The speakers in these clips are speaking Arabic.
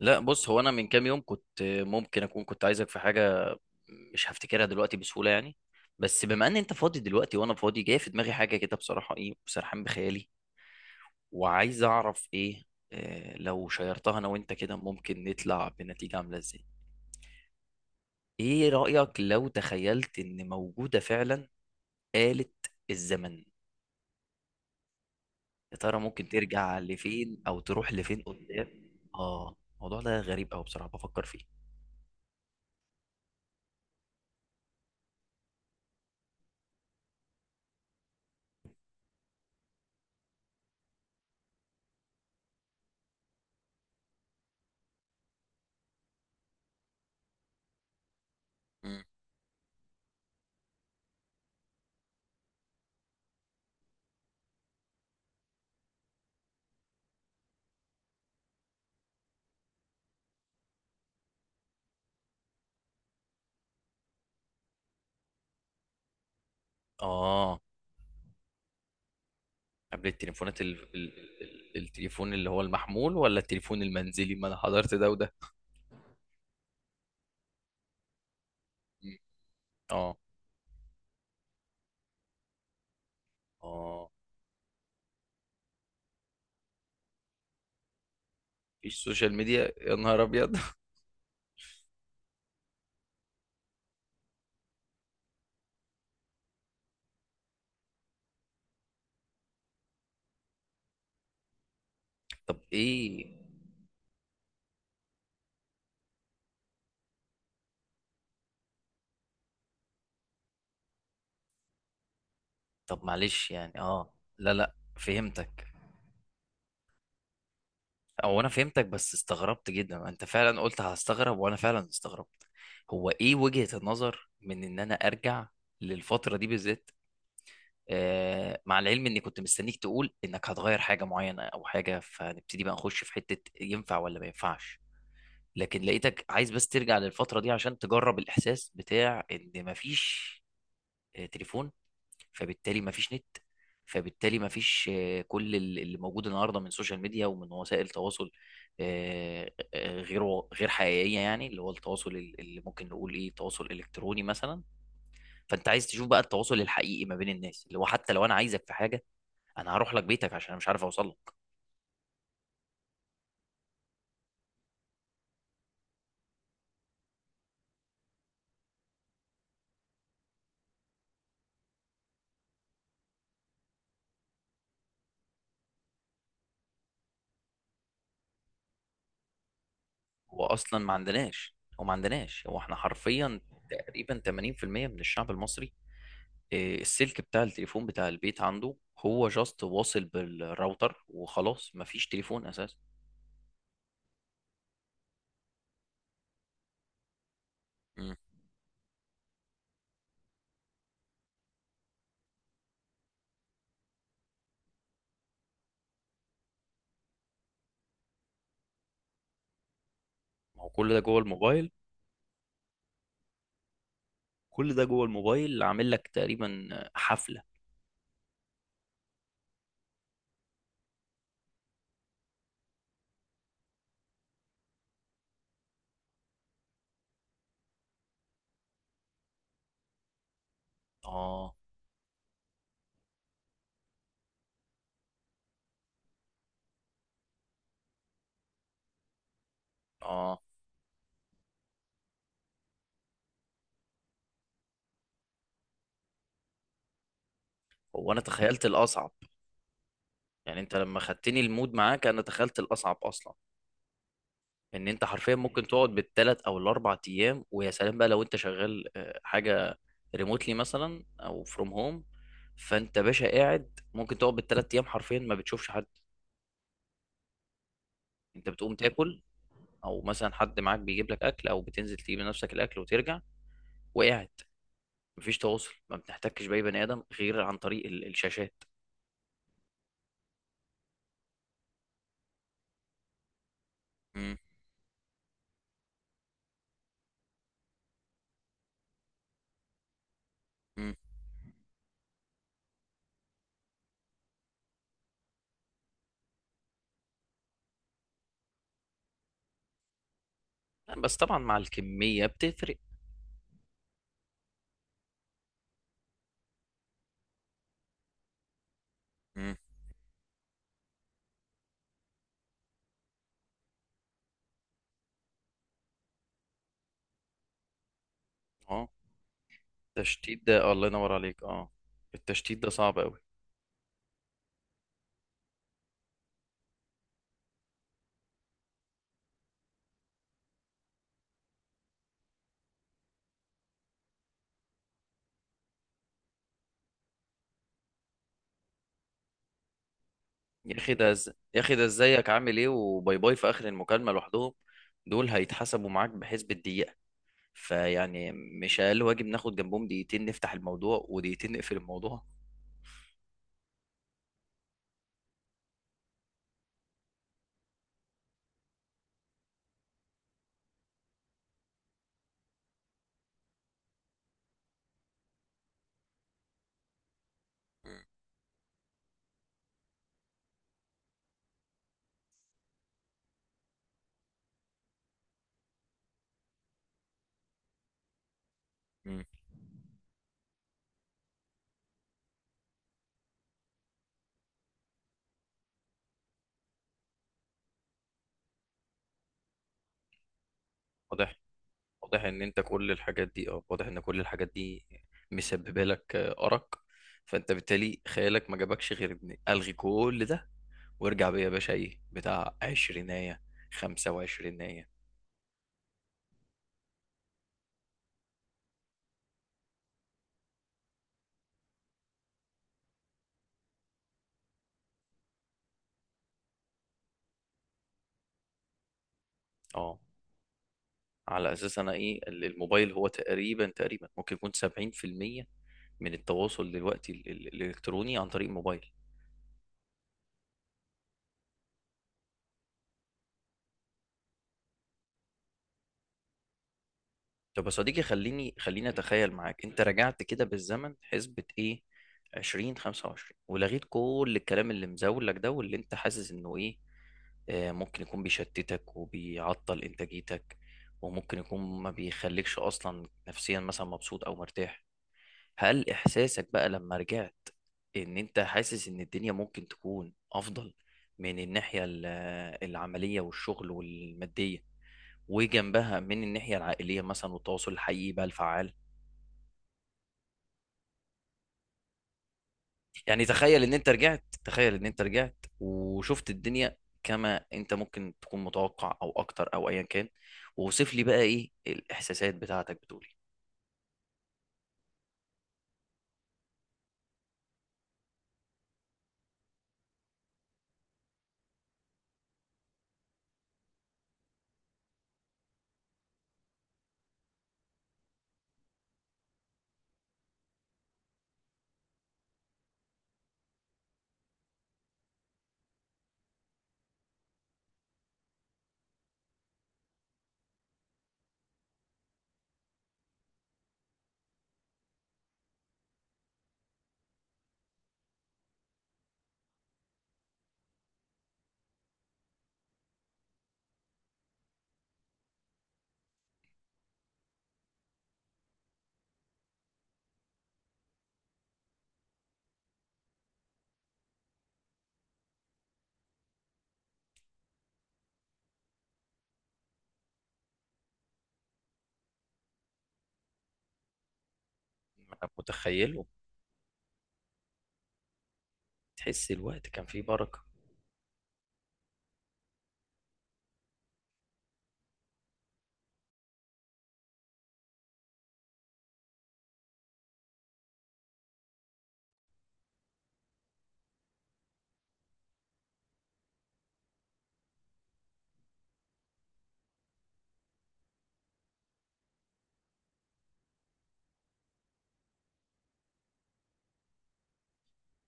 لا، بص، هو انا من كام يوم كنت ممكن اكون كنت عايزك في حاجه مش هفتكرها دلوقتي بسهوله يعني. بس بما ان انت فاضي دلوقتي وانا فاضي، جايه في دماغي حاجه كده بصراحه، ايه، وسرحان بخيالي وعايز اعرف ايه. لو شيرتها انا وانت كده، ممكن نطلع بنتيجه عامله ازاي؟ ايه رايك لو تخيلت ان موجوده فعلا آلة الزمن؟ يا ترى ممكن ترجع لفين او تروح لفين قدام؟ اه الموضوع ده غريب قوي، بصراحه بفكر فيه. مم. اه، قبل التليفونات التليفون اللي هو المحمول ولا التليفون المنزلي، ما انا حضرت ده وده. مم. اه، اه، مفيش سوشيال ميديا، يا نهار ابيض! طب ايه؟ طب معلش، يعني لا، لا، فهمتك. او انا فهمتك، بس استغربت جدا، انت فعلا قلت هستغرب وانا فعلا استغربت. هو ايه وجهة النظر من ان انا ارجع للفترة دي بالذات؟ مع العلم اني كنت مستنيك تقول انك هتغير حاجة معينة او حاجة، فنبتدي بقى نخش في حتة ينفع ولا ما ينفعش. لكن لقيتك عايز بس ترجع للفترة دي عشان تجرب الإحساس بتاع إن مفيش تليفون، فبالتالي مفيش نت، فبالتالي مفيش كل اللي موجود النهاردة من سوشيال ميديا ومن وسائل تواصل غير غير حقيقية، يعني اللي هو التواصل اللي ممكن نقول إيه تواصل إلكتروني مثلا. فأنت عايز تشوف بقى التواصل الحقيقي ما بين الناس، اللي هو حتى لو أنا عايزك في حاجة أنا هروح لك بيتك عشان أنا مش عارف أوصل لك. هو أصلا ما عندناش، هو ما عندناش هو إحنا حرفيا تقريبا 80% من الشعب المصري. السلك بتاع التليفون بتاع البيت عنده هو جاست واصل بالراوتر وخلاص، مفيش تليفون اساسا. مم. ما هو كل ده جوه الموبايل كل ده جوه الموبايل اللي عامل لك تقريبا حفلة. اه، اه، هو انا تخيلت الاصعب. يعني انت لما خدتني المود معاك انا تخيلت الاصعب اصلا، ان انت حرفيا ممكن تقعد بالثلاث او الاربع ايام، ويا سلام بقى لو انت شغال حاجة ريموتلي مثلا او فروم هوم، فانت باشا قاعد ممكن تقعد بالثلاث ايام حرفيا ما بتشوفش حد. انت بتقوم تاكل، او مثلا حد معاك بيجيب لك اكل، او بتنزل تجيب لنفسك الاكل وترجع وقاعد، مفيش تواصل، ما بنحتكش باي بني ادم غير عن طريق الشاشات. مم. مم. بس طبعا مع الكميه بتفرق. مم. اه، التشتيت ده الله ينور عليك. اه، التشتيت ده صعب قوي. يا اخي ده ازيك عامل ايه وباي باي في اخر المكالمه لوحدهم، دول هيتحسبوا معاك بحسب الدقيقه. فيعني مش اقل واجب ناخد جنبهم دقيقتين نفتح الموضوع ودقيقتين نقفل الموضوع. مم. مم. واضح. واضح ان انت كل الحاجات دي اه واضح ان كل الحاجات دي مسببه لك ارق. فانت بالتالي، خيالك ما جابكش غير إن الغي كل ده وارجع بيا يا باشا ايه بتاع عشرينية، خمسة وعشرينية. اه، على اساس انا ايه الموبايل هو تقريبا تقريبا ممكن يكون 70% من التواصل دلوقتي الالكتروني عن طريق الموبايل. طب يا صديقي، خليني خليني اتخيل معاك، انت رجعت كده بالزمن حسبة ايه 20 25 ولغيت كل الكلام اللي مزولك ده واللي انت حاسس انه ايه ممكن يكون بيشتتك وبيعطل انتاجيتك، وممكن يكون ما بيخليكش اصلا نفسيا مثلا مبسوط او مرتاح. هل احساسك بقى لما رجعت ان انت حاسس ان الدنيا ممكن تكون افضل من الناحية العملية والشغل والمادية، وجنبها من الناحية العائلية مثلا والتواصل الحقيقي بقى الفعال؟ يعني تخيل ان انت رجعت وشفت الدنيا كما انت ممكن تكون متوقع او اكتر او ايا كان، ووصف لي بقى ايه الاحساسات بتاعتك، بتقولي. انا متخيله، تحس الوقت كان فيه بركة.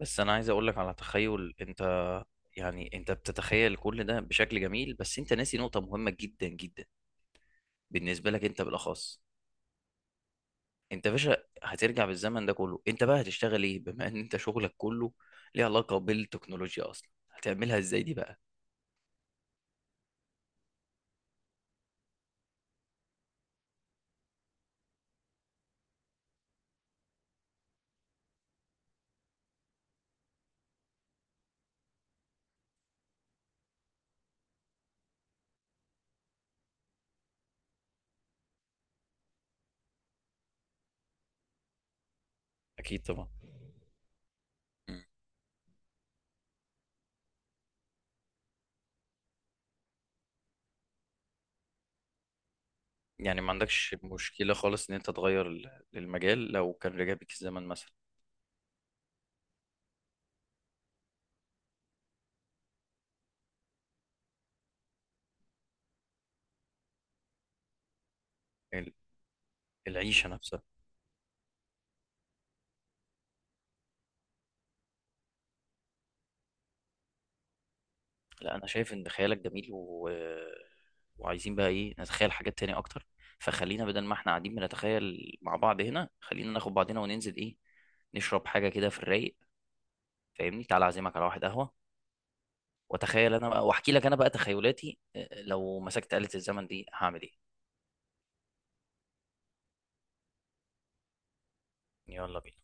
بس انا عايز اقول لك على تخيل انت، يعني انت بتتخيل كل ده بشكل جميل، بس انت ناسي نقطة مهمة جدا جدا بالنسبة لك انت بالاخص. انت يا باشا هترجع بالزمن ده كله، انت بقى هتشتغل ايه بما ان انت شغلك كله ليه علاقة بالتكنولوجيا اصلا، هتعملها ازاي دي بقى؟ اكيد طبعا. مم. يعني ما عندكش مشكلة خالص ان انت تغير المجال لو كان رجع بيك الزمن مثلا؟ ال- العيشة نفسها. لا، انا شايف ان خيالك جميل وعايزين بقى ايه نتخيل حاجات تانية اكتر. فخلينا بدل ما احنا قاعدين بنتخيل مع بعض هنا، خلينا ناخد بعضنا وننزل ايه، نشرب حاجة كده في الرايق. فاهمني، تعال اعزمك على واحد قهوة، واتخيل انا بقى واحكي لك انا بقى تخيلاتي، لو مسكت آلة الزمن دي هعمل ايه. يلا بينا.